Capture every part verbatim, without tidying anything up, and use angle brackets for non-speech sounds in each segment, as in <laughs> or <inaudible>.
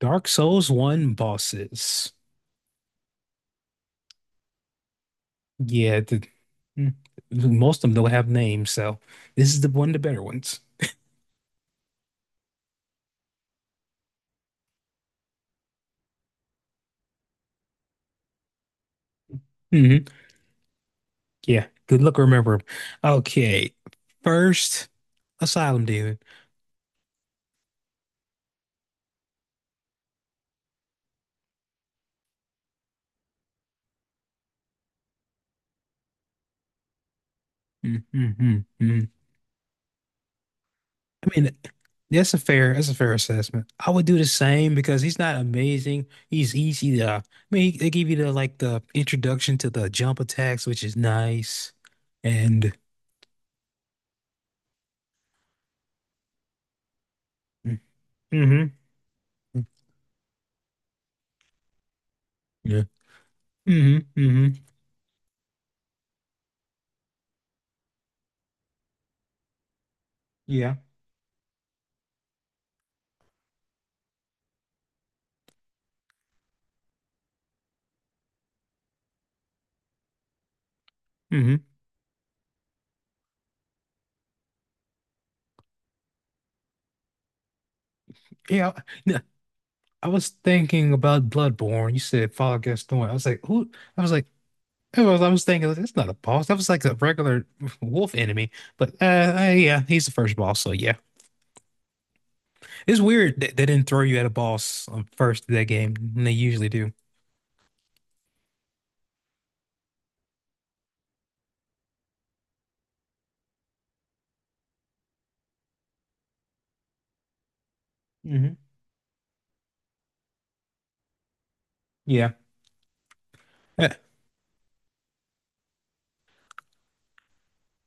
Dark Souls one bosses. Yeah, the, mm, most of them don't have names, so this is the one of the better ones. Hmm Yeah, good luck remember 'em. Okay, first Asylum Demon. Mm-hmm. Mm-hmm. I mean, that's a fair that's a fair assessment. I would do the same because he's not amazing. He's easy to. I mean, he- they give you the like the introduction to the jump attacks, which is nice, and. Hmm Yeah. hmm hmm Yeah. hmm Yeah, n- I was thinking about Bloodborne. You said Fall Guys Thorn. I was like, who? I was like, I was, I was thinking that's not a boss. That was like a regular <laughs> wolf enemy. But uh, uh, yeah, he's the first boss. So yeah, it's weird that they didn't throw you at a boss um, first of that game. And they usually do. Hmm Yeah. Uh,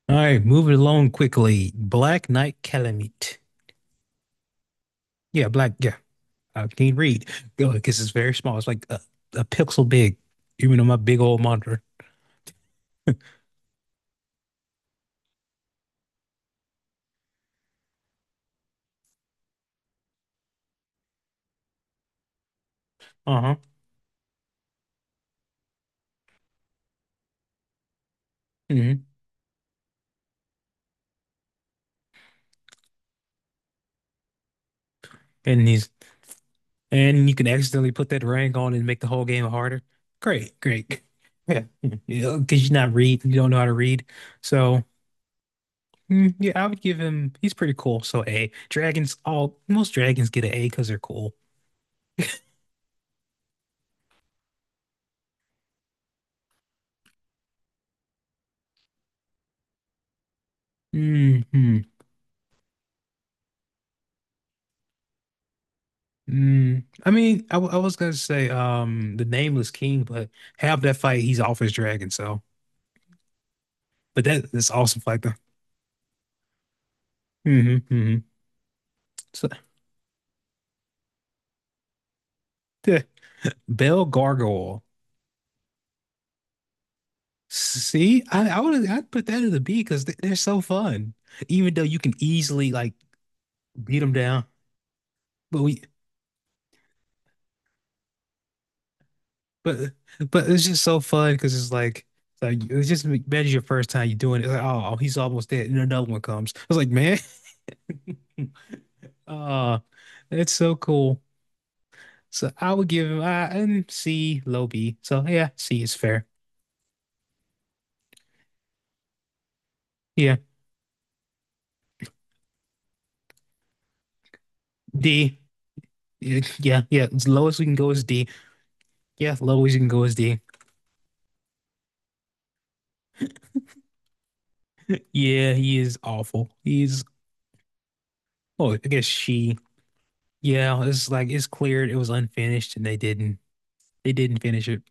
all right, moving along quickly. Black Knight Calamite. Yeah, Black. Yeah, I can't read because it's very small. It's like a, a pixel big, even on my big old monitor. Uh-huh. hmm and he's, and you can accidentally put that rank on and make the whole game harder. Great, great. Yeah, <laughs> because you're not read, you don't know how to read. So mm, yeah, I would give him. He's pretty cool. So A. Dragons, all most dragons get an A because they're cool. hmm Mm. I mean, I, w- I was gonna say um the Nameless King, but half that fight he's off his dragon. So, but that that's awesome fight though. Hmm hmm So <laughs> yeah, Bell Gargoyle. See, I, I would I'd put that in the B because they, they're so fun. Even though you can easily like beat them down, but we but but it's just so fun because it's like it's like it's just imagine your first time you're doing it. It's like oh he's almost dead, and another one comes. I was like man, <laughs> uh, it's so cool. So I would give him I and C low B. So yeah, C is fair. Yeah, D. Yeah, yeah. As low as we can go is D. Yeah, low as you can go is D. Yeah, he is awful. He's, oh, I guess she. Yeah, it's like it's cleared. It was unfinished, and they didn't they didn't finish it.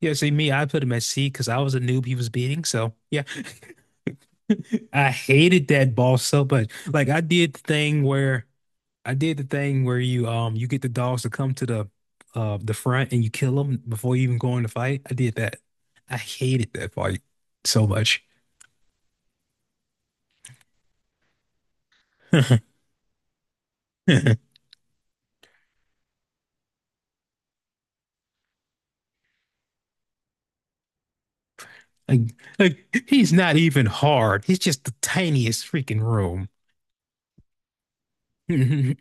Yeah, see me, I put him at C because I was a noob he was beating. So yeah, I hated that boss so much. Like I did the thing where I did the thing where you um you get the dogs to come to the uh the front and you kill them before you even go in the fight. I did that. I hated that fight so much. <laughs> Like, like he's not even hard. He's just the tiniest freaking room. <laughs> Mhm.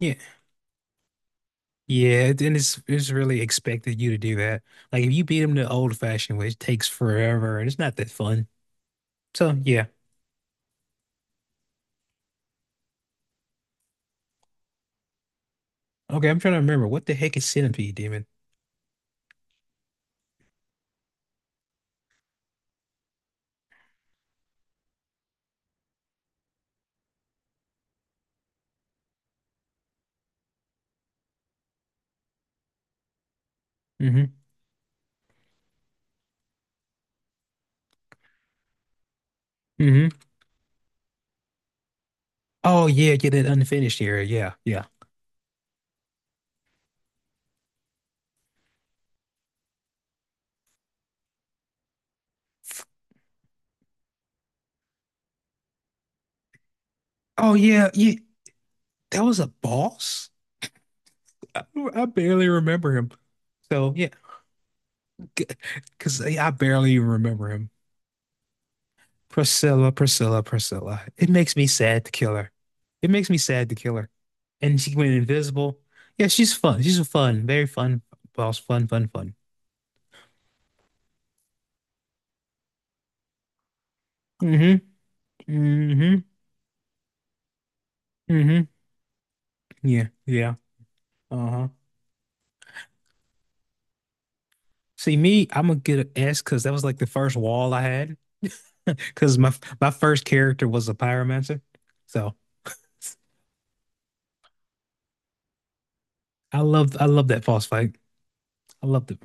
Yeah, yeah, it- and it's it's really expected you to do that. Like if you beat him the old fashioned way, it takes forever and it's not that fun. So yeah, okay, I'm trying to remember what the heck is Centipede Demon. Hmm hmm Oh yeah, get that unfinished area. Yeah, yeah. Oh yeah, yeah. That was a boss. I, I barely remember him. So yeah, <laughs> because I barely even remember him. Priscilla, Priscilla, Priscilla. It makes me sad to kill her. It makes me sad to kill her. And she went invisible. Yeah, she's fun. She's a fun, very fun boss. Fun, fun, fun. Mm-hmm. Mm-hmm. Mm-hmm. Yeah. Yeah. Uh-huh. See, me, I'm gonna get an S because that was like the first wall I had. <laughs> Because my my first character was a pyromancer. So I love I love that boss fight. I loved it.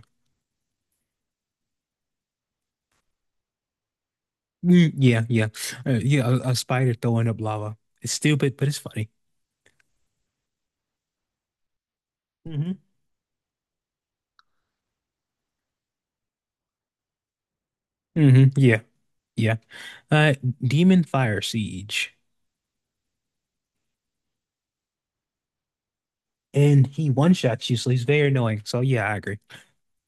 Mm, yeah, yeah. Uh, yeah, a, a spider throwing up lava. It's stupid, but it's funny. Mm-hmm. Mm-hmm. Yeah. Yeah. Uh, Demon Fire Siege. And he one-shots you, so he's very annoying. So yeah, I agree.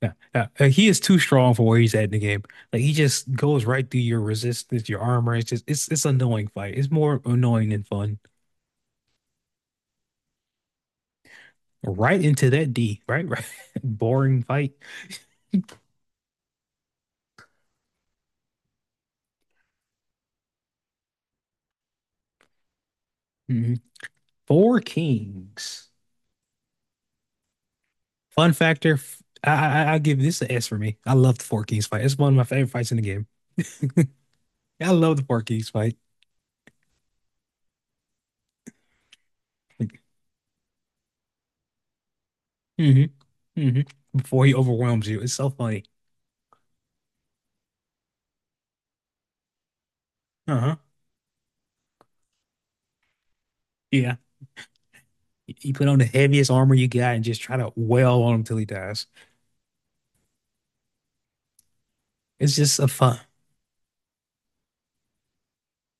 Yeah, yeah. Uh, he is too strong for where he's at in the game. Like he just goes right through your resistance, your armor. It's just it's it's an annoying fight. It's more annoying than fun. Right into that D, right? Right. <laughs> Boring fight. Mhm. Four Kings. Fun factor. f- I, I I I'll give this an S for me. I love the Four Kings fight. It's one of my favorite fights in the game. I love the Four Kings fight. Hmm hmm Before he overwhelms you. It's so funny. Uh-huh. Yeah. You you put on the heaviest armor you got and just try to wail on him till he dies. It's just a fun.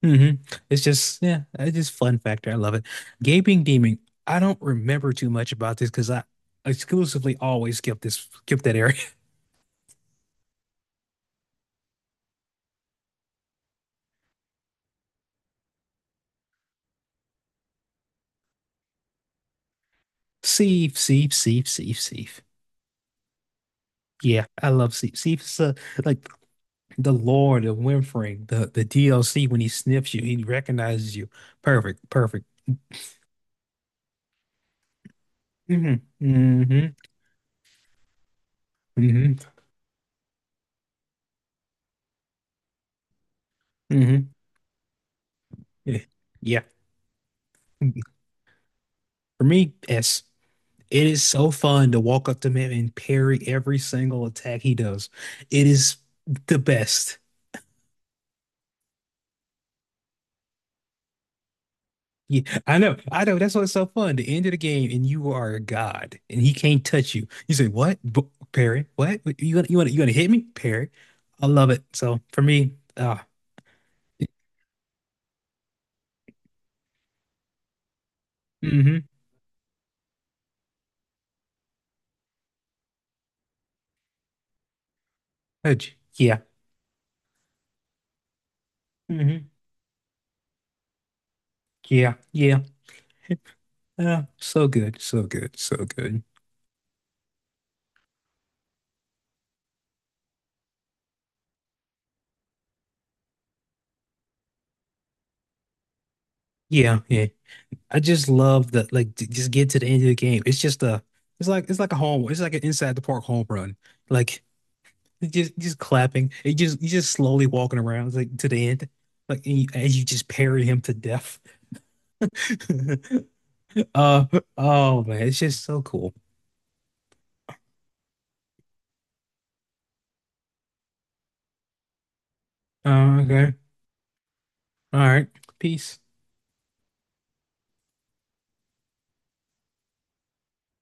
Hmm It's just yeah, it's just fun factor. I love it. Gaping Demon. I don't remember too much about this because I exclusively always skip this skip that area. <laughs> Seif, Seif, Seif, Seif, Seif. Yeah, I love Seif. Seif's uh, like the Lord of Winfring, the the D L C when he sniffs you, he recognizes you. Perfect, perfect. Hmm hmm hmm hmm Yeah. Yeah. For me, S. It is so fun to walk up to him and parry every single attack he does. It is the best. Yeah, I know, I know. That's what's so fun. The end of the game, and you are a god, and he can't touch you. You say, "What, B parry? What? You gonna you gonna you gonna hit me, parry?" I love it. So for me, uh, hmm yeah, hmm yeah, yeah. <laughs> Uh, so good, so good, so good. Yeah, yeah. I just love that. Like, j- just get to the end of the game. It's just a, it's like it's like a home. It's like an inside the park home run. Like, it just just clapping. It just you just slowly walking around like to the end. Like and you, as you just parry him to death. <laughs> Uh oh man, it's just so cool. Uh, okay. All right. Peace.